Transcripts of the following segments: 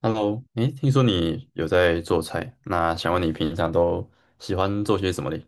OK，Hello，诶，听说你有在做菜，那想问你平常都喜欢做些什么嘞？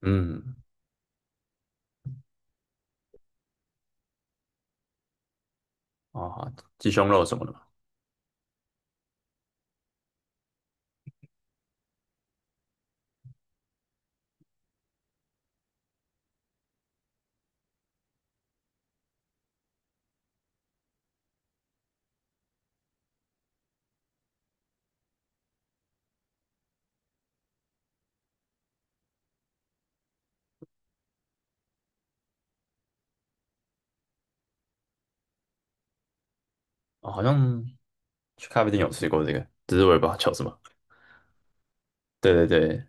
嗯，啊，鸡胸肉什么的嘛，哦，好像去咖啡店有吃过这个，只是我也不知道叫什么。对对对，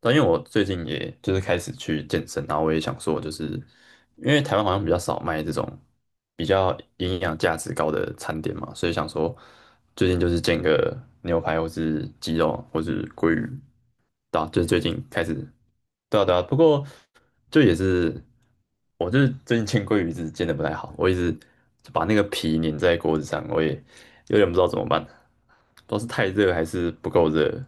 但因为我最近也就是开始去健身，然后我也想说，就是因为台湾好像比较少卖这种比较营养价值高的餐点嘛，所以想说最近就是煎个牛排或是鸡肉或是鲑鱼，对啊，就是最近开始。对啊对啊，不过就也是，我就是最近煎鲑鱼一直煎的不太好，我一直就把那个皮粘在锅子上，我也有点不知道怎么办，不知道是太热还是不够热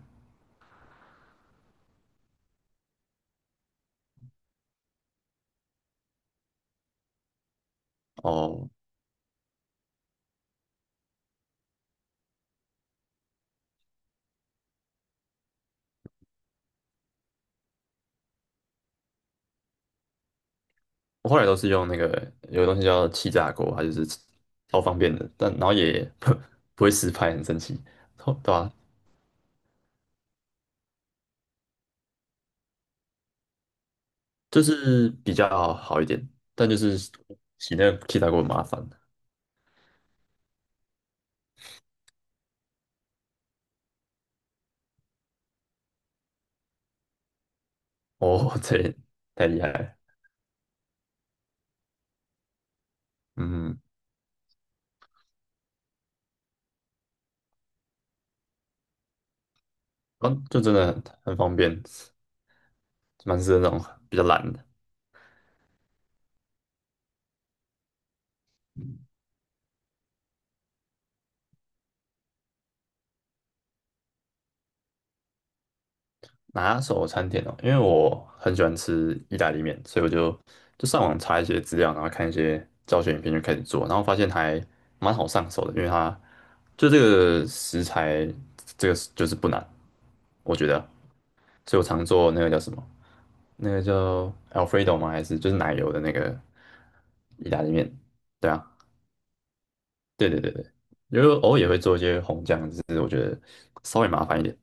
哦。我后来都是用那个有个东西叫气炸锅，它就是超方便的，但然后也 不会失败，很神奇，哦对啊，就是比较好一点，但就是洗那个气炸锅很麻烦哦，这也太厉害了，嗯，啊就真的很方便。蛮是那种比较懒的拿手餐点哦，因为我很喜欢吃意大利面，所以我就上网查一些资料，然后看一些教学影片就开始做，然后发现还蛮好上手的，因为它就这个食材这个就是不难，我觉得，所以我常做那个叫什么，那个叫 Alfredo 吗？还是就是奶油的那个意大利面？对啊，对对对对，因为偶尔也会做一些红酱，只是我觉得稍微麻烦一点。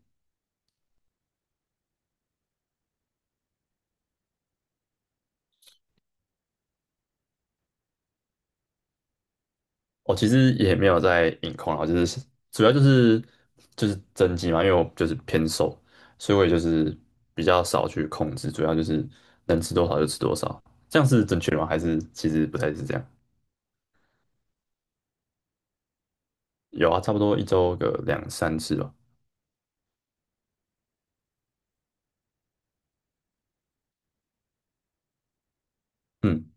我其实也没有在饮控啊，就是主要就是增肌嘛，因为我就是偏瘦，所以我也就是比较少去控制，主要就是能吃多少就吃多少，这样是正确的吗？还是其实不太是这样？有啊，差不多一周个两三次吧，嗯，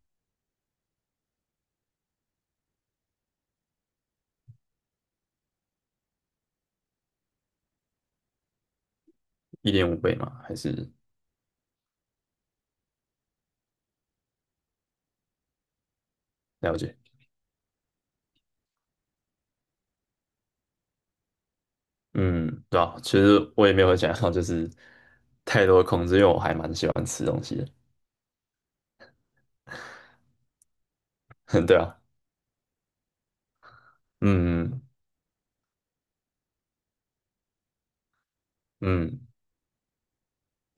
一点五倍嘛，还是了解，嗯，对啊，其实我也没有想要就是太多控制，因为我还蛮喜欢吃东西的，对啊，嗯嗯，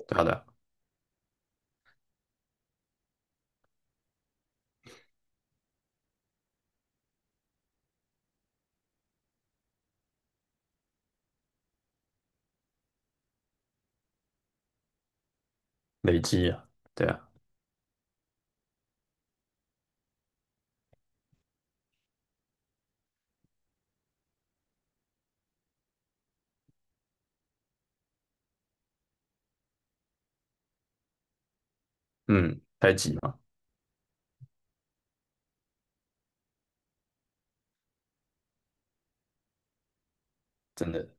对啊对啊累积啊，对啊，嗯，太极嘛。真的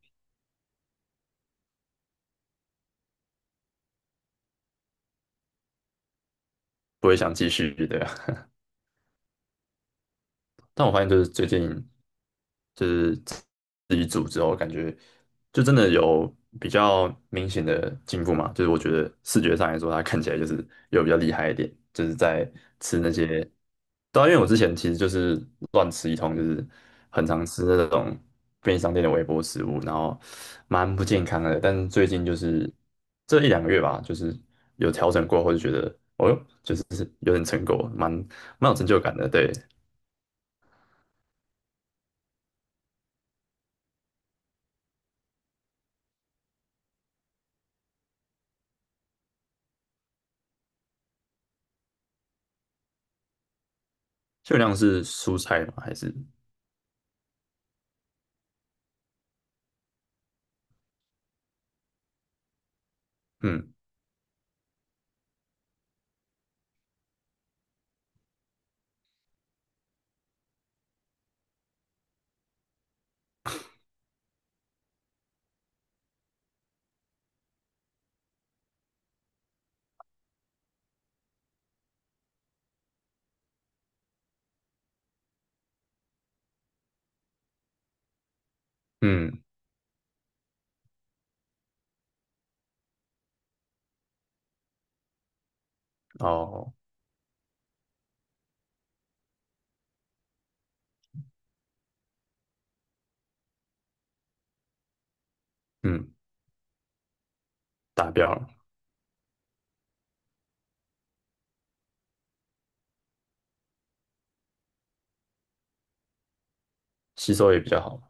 不会想继续的。但我发现就是最近就是自己煮之后，感觉就真的有比较明显的进步嘛。就是我觉得视觉上来说，它看起来就是有比较厉害一点，就是在吃那些，对啊，因为我之前其实就是乱吃一通，就是很常吃那种便利商店的微波食物，然后蛮不健康的。但是最近就是这一两个月吧，就是有调整过后，就觉得哦哟，就是有点成果，蛮有成就感的，对。秋量是蔬菜吗？还是嗯嗯哦嗯达标了，吸收也比较好。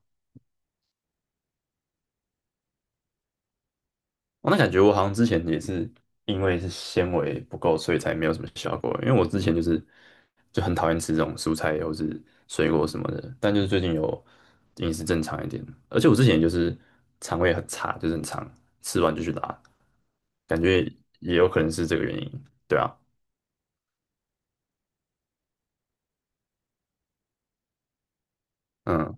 我、那感觉我好像之前也是因为是纤维不够，所以才没有什么效果。因为我之前就是就很讨厌吃这种蔬菜或是水果什么的，但就是最近有饮食正常一点，而且我之前就是肠胃很差，就是很常吃完就去拉，感觉也有可能是这个原因。对啊，嗯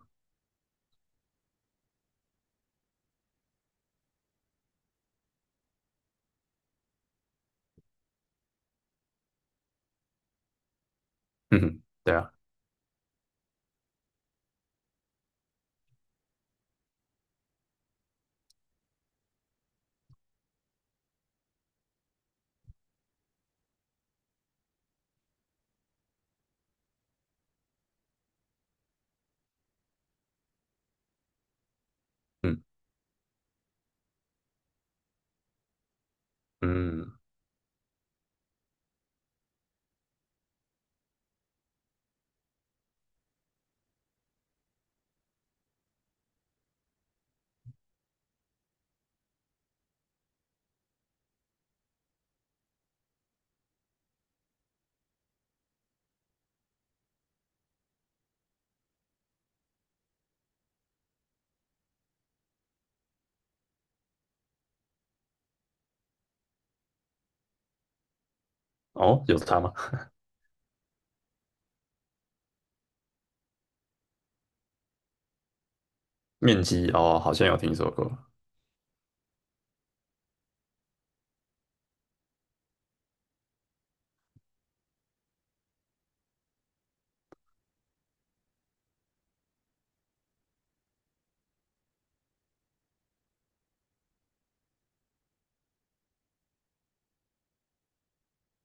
嗯，对啊，嗯嗯，哦，有差吗？面积哦，好像有听说过，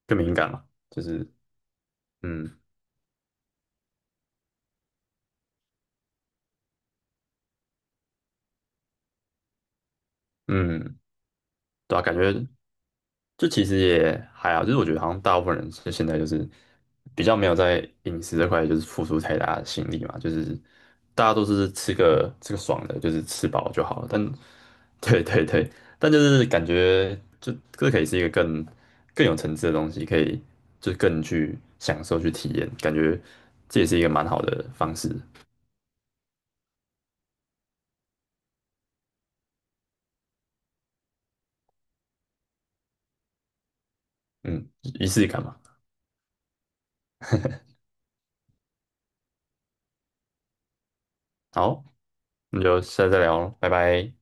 更敏感嘛，就是嗯嗯，对啊，感觉就其实也还好，就是我觉得好像大部分人就现在就是比较没有在饮食这块就是付出太大的心力嘛，就是大家都是吃个吃个爽的，就是吃饱就好了。但对对对，但就是感觉就这可以是一个更有层次的东西，可以就是更去享受去体验，感觉这也是一个蛮好的方式，嗯，仪式感嘛。好。那就下次再聊了，拜拜。